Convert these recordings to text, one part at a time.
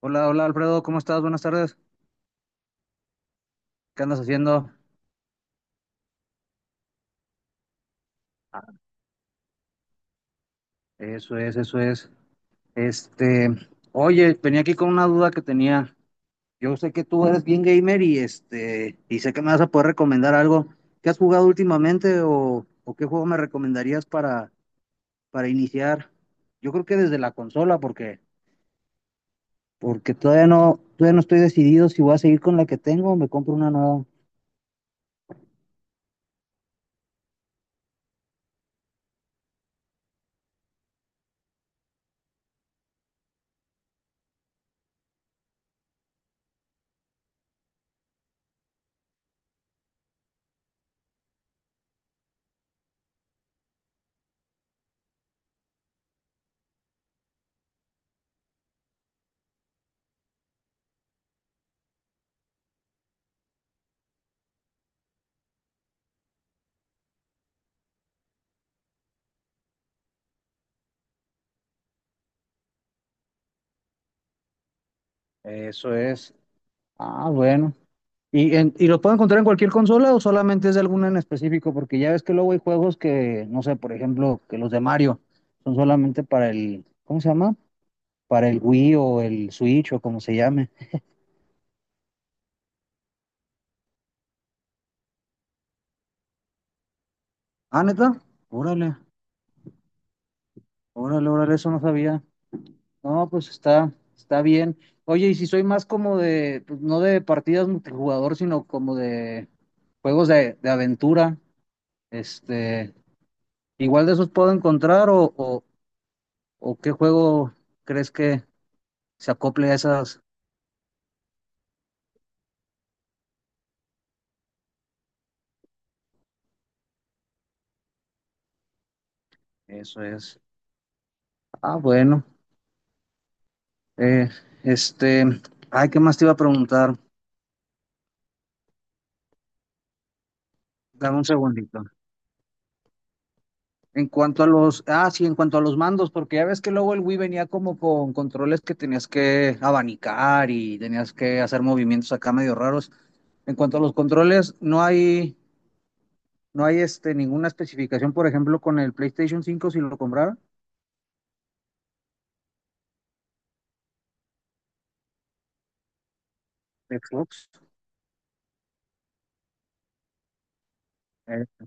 Hola, hola Alfredo, ¿cómo estás? Buenas tardes. ¿Qué andas haciendo? Eso es, eso es. Este, oye, venía aquí con una duda que tenía. Yo sé que tú eres bien gamer y y sé que me vas a poder recomendar algo. ¿Qué has jugado últimamente o qué juego me recomendarías para iniciar? Yo creo que desde la consola, porque todavía no estoy decidido si voy a seguir con la que tengo o me compro una nueva. Eso es. Ah, bueno. ¿Y, y lo puedo encontrar en cualquier consola o solamente es de alguna en específico? Porque ya ves que luego hay juegos que, no sé, por ejemplo, que los de Mario son solamente para el, ¿cómo se llama? Para el Wii o el Switch o como se llame. Ah, neta, órale, órale, eso no sabía. No, pues está bien. Oye, y si soy más como de, pues, no de partidas multijugador, sino como de juegos de aventura, este, igual de esos puedo encontrar o qué juego crees que se acople a esas. Eso es. Ah, bueno. Eh, este, ay, ¿qué más te iba a preguntar? Dame un segundito. En cuanto a los, ah, sí, en cuanto a los mandos, porque ya ves que luego el Wii venía como con controles que tenías que abanicar y tenías que hacer movimientos acá medio raros. En cuanto a los controles, no hay ninguna especificación, por ejemplo, con el PlayStation cinco si lo comprara, Xbox. Eh,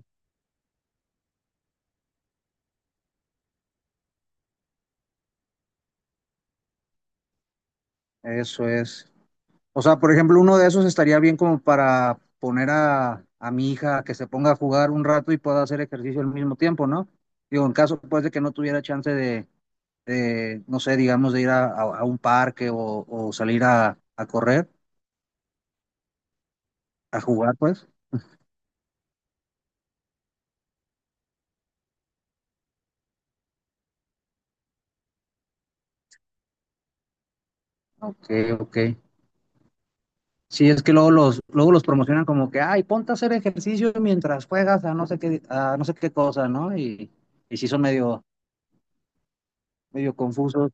eso es. O sea, por ejemplo, uno de esos estaría bien como para poner a mi hija a que se ponga a jugar un rato y pueda hacer ejercicio al mismo tiempo, ¿no? Digo, en caso pues de que no tuviera chance no sé, digamos, de ir a un parque o salir a correr, a jugar, pues. Ok, ok. Sí, es que luego los promocionan como que, ay, ponte a hacer ejercicio mientras juegas a no sé qué, a no sé qué cosa, ¿no? Y sí son medio, medio confusos.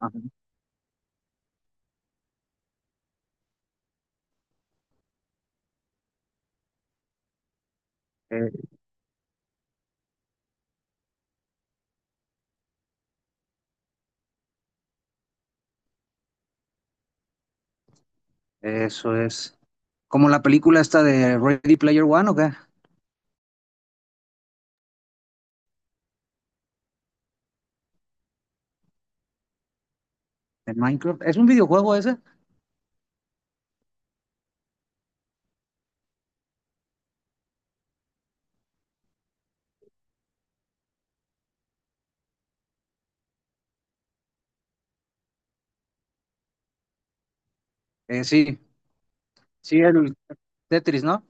Ajá. Eh, eso es. Como la película esta de Ready Player One, ¿o qué? De Minecraft. ¿Es un videojuego ese? Sí. Sí, el Tetris, ¿no?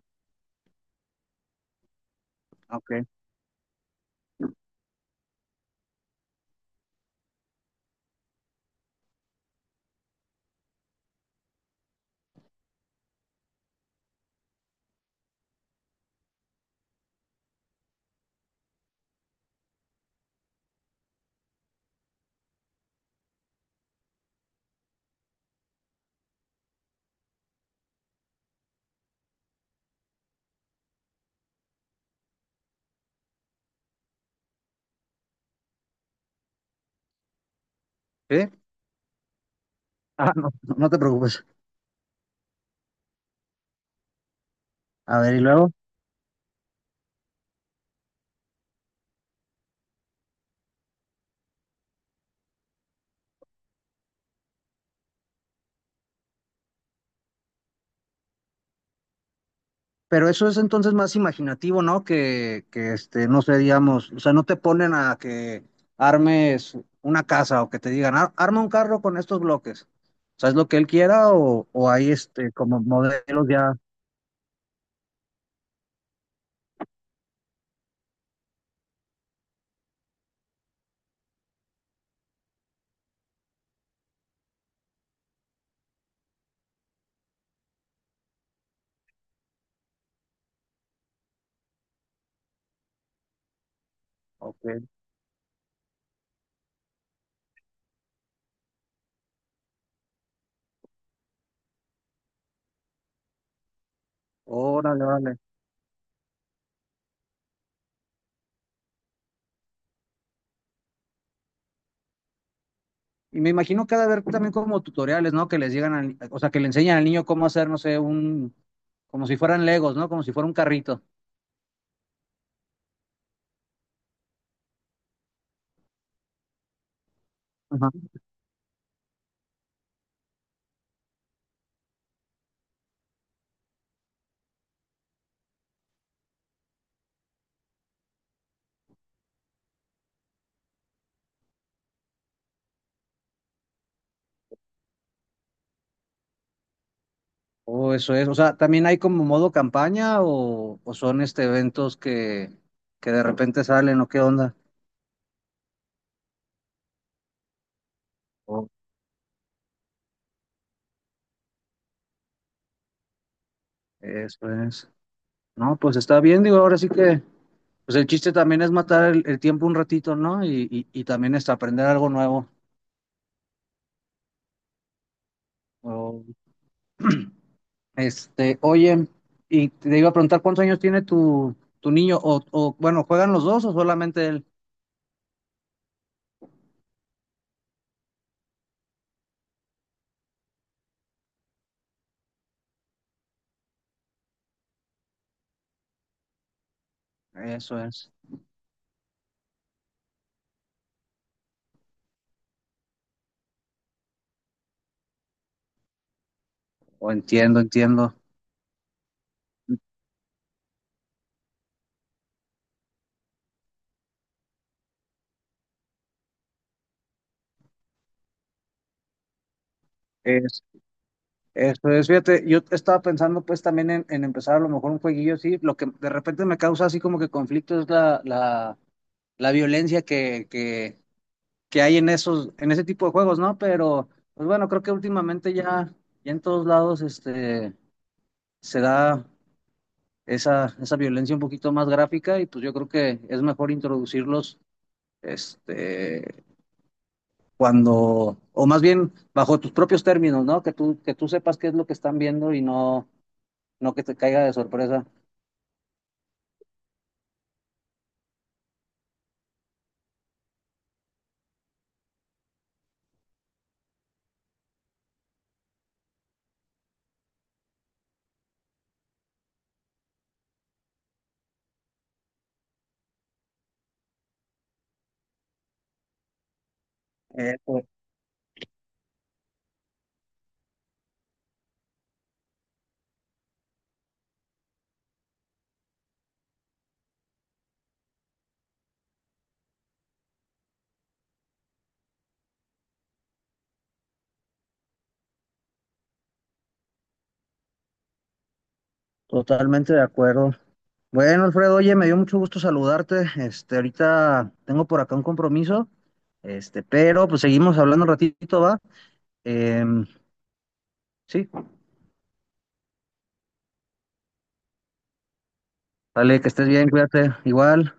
Ok. ¿Sí? Ah, no, no te preocupes. A ver, y luego. Pero eso es entonces más imaginativo, ¿no? Que no sé, digamos, o sea, no te ponen a que armes una casa o que te digan, arma un carro con estos bloques. O sea, es lo que él quiera o hay como modelos ya. Ok. Órale, vale. Y me imagino que ha de haber también como tutoriales, ¿no? Que les llegan al, o sea, que le enseñan al niño cómo hacer, no sé, como si fueran Legos, ¿no? Como si fuera un carrito. Ajá. O eso es, o sea, también hay como modo campaña o son este, eventos que de repente salen o qué onda. O- Eso es. No, pues está bien, digo, pues el chiste también es matar el tiempo un ratito, ¿no? Y también es aprender algo nuevo. Oh. Oye, y te iba a preguntar cuántos años tiene tu niño, o bueno, ¿juegan los dos o solamente él? Eso es, o entiendo, entiendo. Es, eso es, fíjate, yo estaba pensando pues también en empezar a lo mejor un jueguillo así, lo que de repente me causa así como que conflicto es la violencia que hay en esos, en ese tipo de juegos, ¿no? Pero, pues bueno, creo que ya en todos lados, se da esa violencia un poquito más gráfica y pues yo creo que es mejor introducirlos este, cuando, o más bien bajo tus propios términos, ¿no? Que que tú sepas qué es lo que están viendo y no que te caiga de sorpresa. Eh, to- totalmente de acuerdo. Bueno, Alfredo, oye, me dio mucho gusto saludarte. Ahorita tengo por acá un compromiso, pero pues seguimos hablando un ratito, ¿va? Em, sí, vale, que estés bien, cuídate, igual.